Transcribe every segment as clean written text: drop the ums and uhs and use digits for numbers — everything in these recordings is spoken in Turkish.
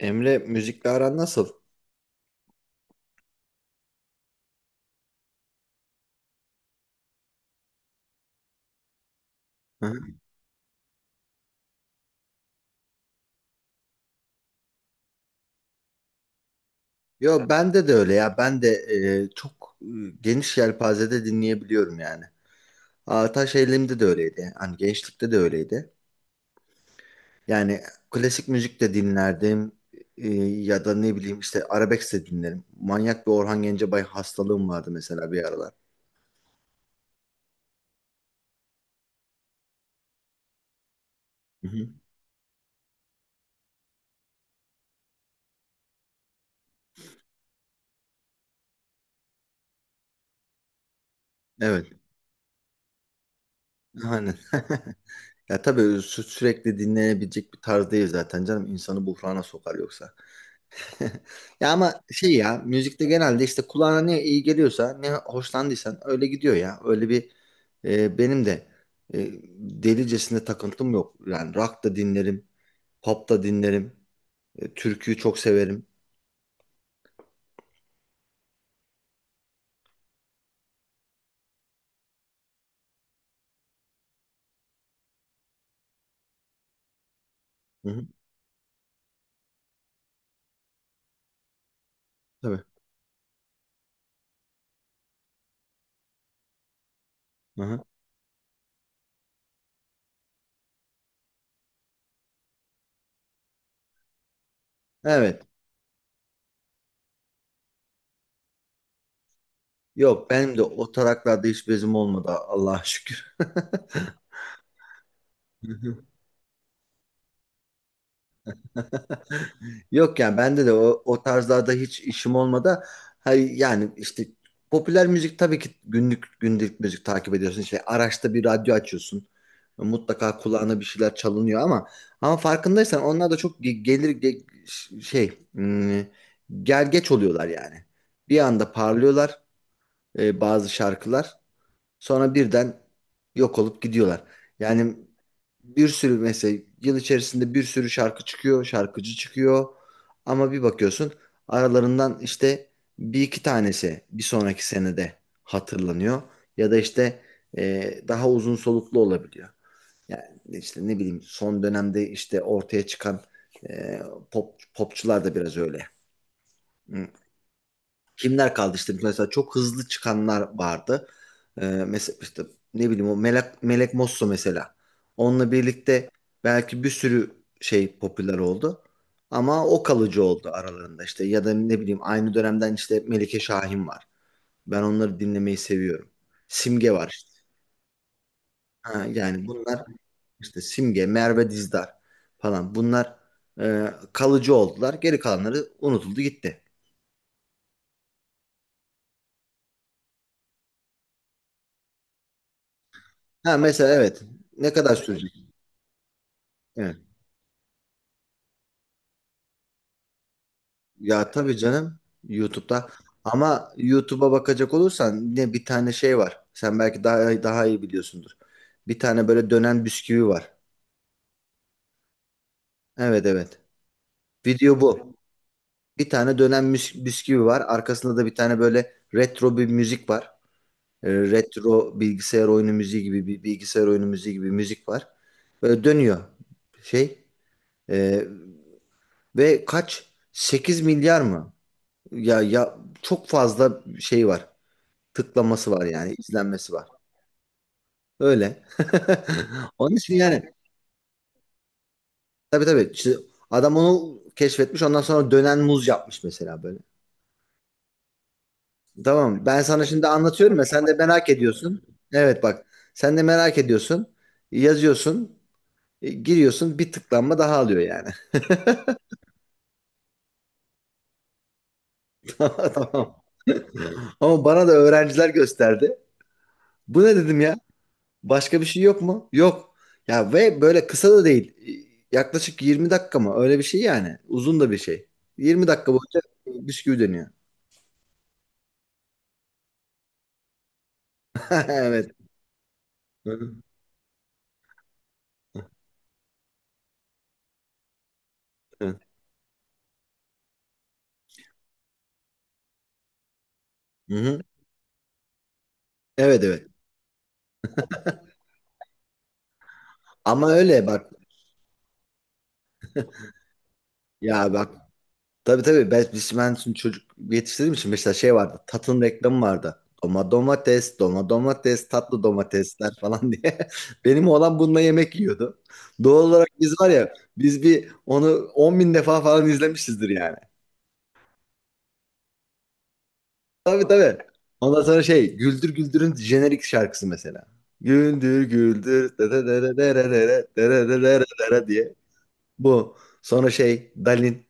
Emre müzikle aran nasıl? Hı hı. Yo bende de öyle ya. Ben de çok geniş yelpazede dinleyebiliyorum yani. Ataş Eğilim'de de öyleydi. Hani gençlikte de öyleydi. Yani klasik müzik de dinlerdim. Ya da ne bileyim işte arabesk de dinlerim. Manyak bir Orhan Gencebay hastalığım vardı mesela bir aralar. Hı hı. Evet. Aynen. Ya tabii sürekli dinlenebilecek bir tarz değil zaten canım. İnsanı buhrana sokar yoksa. Ya ama şey ya müzikte genelde işte kulağına ne iyi geliyorsa ne hoşlandıysan öyle gidiyor ya. Öyle bir benim de e, delicesinde takıntım yok. Yani rock da dinlerim, pop da dinlerim, türküyü çok severim. Hı hı, tabii. Hı hı. Evet. Yok benim de o taraklarda hiç bezim olmadı Allah'a şükür. Yok yani bende de o tarzlarda hiç işim olmadı. Hayır yani işte popüler müzik tabii ki günlük günlük müzik takip ediyorsun. İşte araçta bir radyo açıyorsun. Mutlaka kulağına bir şeyler çalınıyor ama farkındaysan onlar da çok ge- gelir ge- ş- şey hmm, gergeç oluyorlar yani. Bir anda parlıyorlar bazı şarkılar. Sonra birden yok olup gidiyorlar. Yani bir sürü mesela yıl içerisinde bir sürü şarkı çıkıyor, şarkıcı çıkıyor. Ama bir bakıyorsun aralarından işte bir iki tanesi bir sonraki senede hatırlanıyor. Ya da işte daha uzun soluklu olabiliyor. Yani işte ne bileyim son dönemde işte ortaya çıkan e, popçular da biraz öyle kimler kaldı işte mesela çok hızlı çıkanlar vardı. Mesela işte ne bileyim o Melek Mosso mesela. Onunla birlikte belki bir sürü şey popüler oldu. Ama o kalıcı oldu aralarında işte ya da ne bileyim aynı dönemden işte Melike Şahin var. Ben onları dinlemeyi seviyorum. Simge var işte. Ha, yani bunlar işte Simge, Merve Dizdar falan bunlar kalıcı oldular. Geri kalanları unutuldu gitti. Ha mesela, evet, ne kadar sürecek? Evet. Ya tabii canım YouTube'da. Ama YouTube'a bakacak olursan ne, bir tane şey var. Sen belki daha daha iyi biliyorsundur. Bir tane böyle dönen bisküvi var. Evet evet. Video bu. Bir tane dönen bisküvi var. Arkasında da bir tane böyle retro bir müzik var. Retro bilgisayar oyunu müziği gibi, bir bilgisayar oyunu müziği gibi müzik var. Böyle dönüyor şey. Ee, ve kaç, 8 milyar mı? Ya ya çok fazla şey var. Tıklaması var yani, izlenmesi var. Öyle. Onun için yani, tabii tabii işte adam onu keşfetmiş, ondan sonra dönen muz yapmış mesela böyle. Tamam, ben sana şimdi anlatıyorum ya, sen de merak ediyorsun. Evet bak, sen de merak ediyorsun. Yazıyorsun, giriyorsun, bir tıklanma daha alıyor yani. Tamam. Ama bana da öğrenciler gösterdi. Bu ne dedim ya. Başka bir şey yok mu? Yok. Ya, ve böyle kısa da değil. Yaklaşık 20 dakika mı? Öyle bir şey yani. Uzun da bir şey. 20 dakika boyunca bisküvi dönüyor. Evet. Hı hı. Hı hı. Evet evet. Ama öyle bak. Ya bak. Tabii tabii. Ben şimdi çocuk yetiştirdiğim için mesela şey vardı. Tatın reklamı vardı. Domates, domates, tatlı domatesler falan diye. Benim oğlan bununla yemek yiyordu. Doğal olarak biz var ya, biz bir onu 10 bin defa falan izlemişizdir yani. Tabii tabii. Ondan sonra şey, Güldür Güldür'ün jenerik şarkısı mesela. Güldür Güldür dere dere dere dere dere dere dere dere diye. Bu. Sonra şey, Dalin.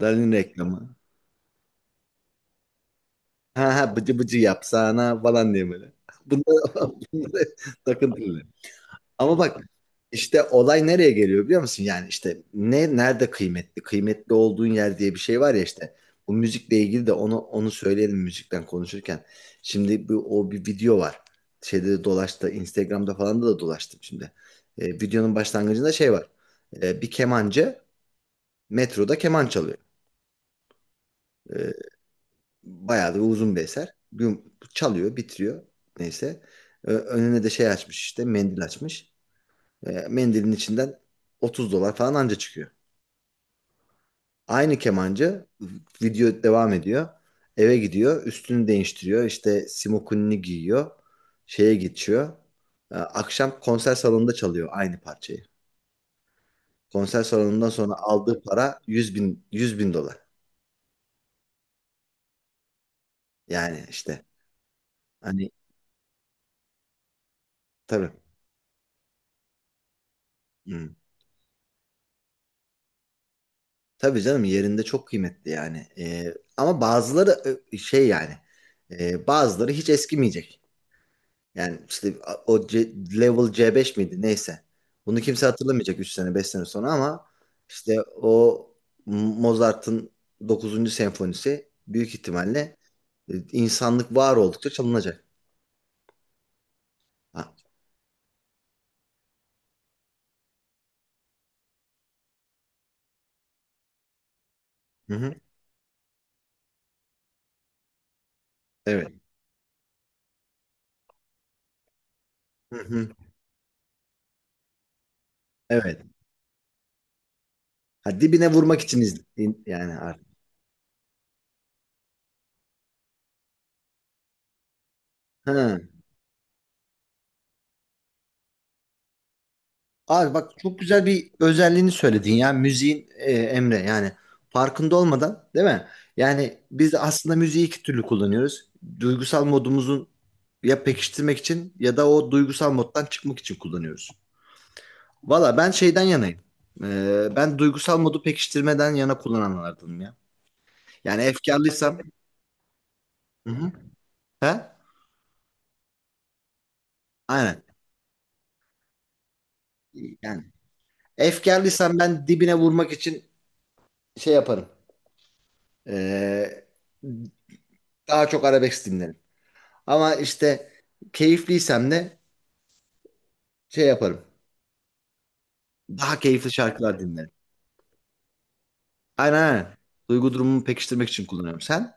Dalin reklamı. Ha ha, bıcı bıcı yapsana falan diye böyle. Bunlar, bunlar takıntılı. Ama bak, işte olay nereye geliyor biliyor musun? Yani işte ne nerede kıymetli? Kıymetli olduğun yer diye bir şey var ya işte. Bu müzikle ilgili de onu söyleyelim müzikten konuşurken. Şimdi bu, o bir video var. Şeyde de dolaştı. Instagram'da falan da dolaştım şimdi. Videonun başlangıcında şey var. Bir kemancı metroda keman çalıyor. Ee, bayağı da uzun bir eser. Çalıyor, bitiriyor. Neyse. Önüne de şey açmış, işte mendil açmış. Mendilin içinden 30 dolar falan anca çıkıyor. Aynı kemancı, video devam ediyor. Eve gidiyor, üstünü değiştiriyor, işte simokunini giyiyor, şeye geçiyor. Akşam konser salonunda çalıyor aynı parçayı. Konser salonundan sonra aldığı para 100 bin, 100 bin dolar. Yani işte hani, tabii. Hmm. Tabii canım, yerinde çok kıymetli yani. Ama bazıları şey yani, bazıları hiç eskimeyecek. Yani işte o level C5 miydi neyse. Bunu kimse hatırlamayacak 3 sene 5 sene sonra, ama işte o Mozart'ın dokuzuncu senfonisi büyük ihtimalle insanlık var oldukça çalınacak. Ha. Hı hı. Evet. Hı hı. Evet. Ha, dibine vurmak için izledim yani artık. Ha. Abi bak, çok güzel bir özelliğini söyledin ya müziğin, Emre, yani farkında olmadan değil mi? Yani biz aslında müziği iki türlü kullanıyoruz. Duygusal modumuzun ya pekiştirmek için ya da o duygusal moddan çıkmak için kullanıyoruz. Valla ben şeyden yanayım. Ben duygusal modu pekiştirmeden yana kullananlardanım ya. Yani efkarlıysam, hı hı, he? Aynen. Yani efkarlıysam ben, dibine vurmak için şey yaparım. Ee, daha çok arabesk dinlerim. Ama işte keyifliysem de şey yaparım. Daha keyifli şarkılar dinlerim. Aynen aynen. Duygu durumumu pekiştirmek için kullanıyorum. Sen?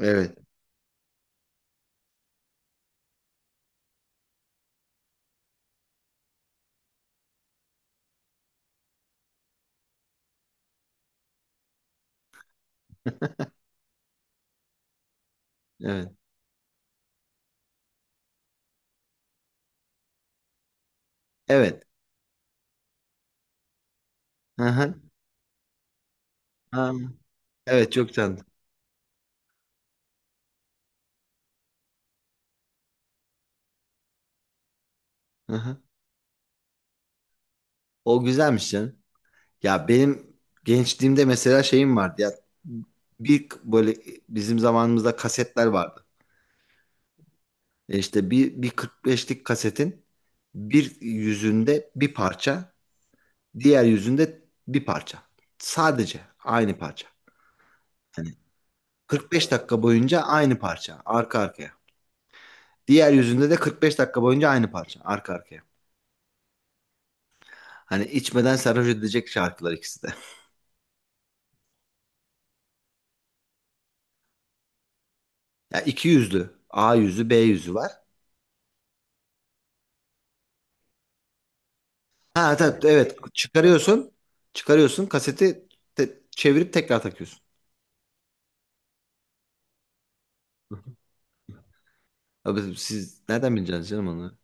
Evet. Evet. Evet. Hı hı. Ha, evet, çok tanıdım. Hı hı. O güzelmiş canım. Ya benim gençliğimde mesela şeyim vardı ya. Bir böyle, bizim zamanımızda kasetler vardı. İşte bir, 45'lik kasetin bir yüzünde bir parça, diğer yüzünde bir parça. Sadece aynı parça. Yani 45 dakika boyunca aynı parça arka arkaya. Diğer yüzünde de 45 dakika boyunca aynı parça arka arkaya. Hani içmeden sarhoş edecek şarkılar ikisi de. Ya iki yüzlü, A yüzü, B yüzü var. Ha tabii, evet evet. Çıkarıyorsun. Çıkarıyorsun kaseti, çevirip tekrar takıyorsun. Abi siz nereden bileceksiniz canım onu?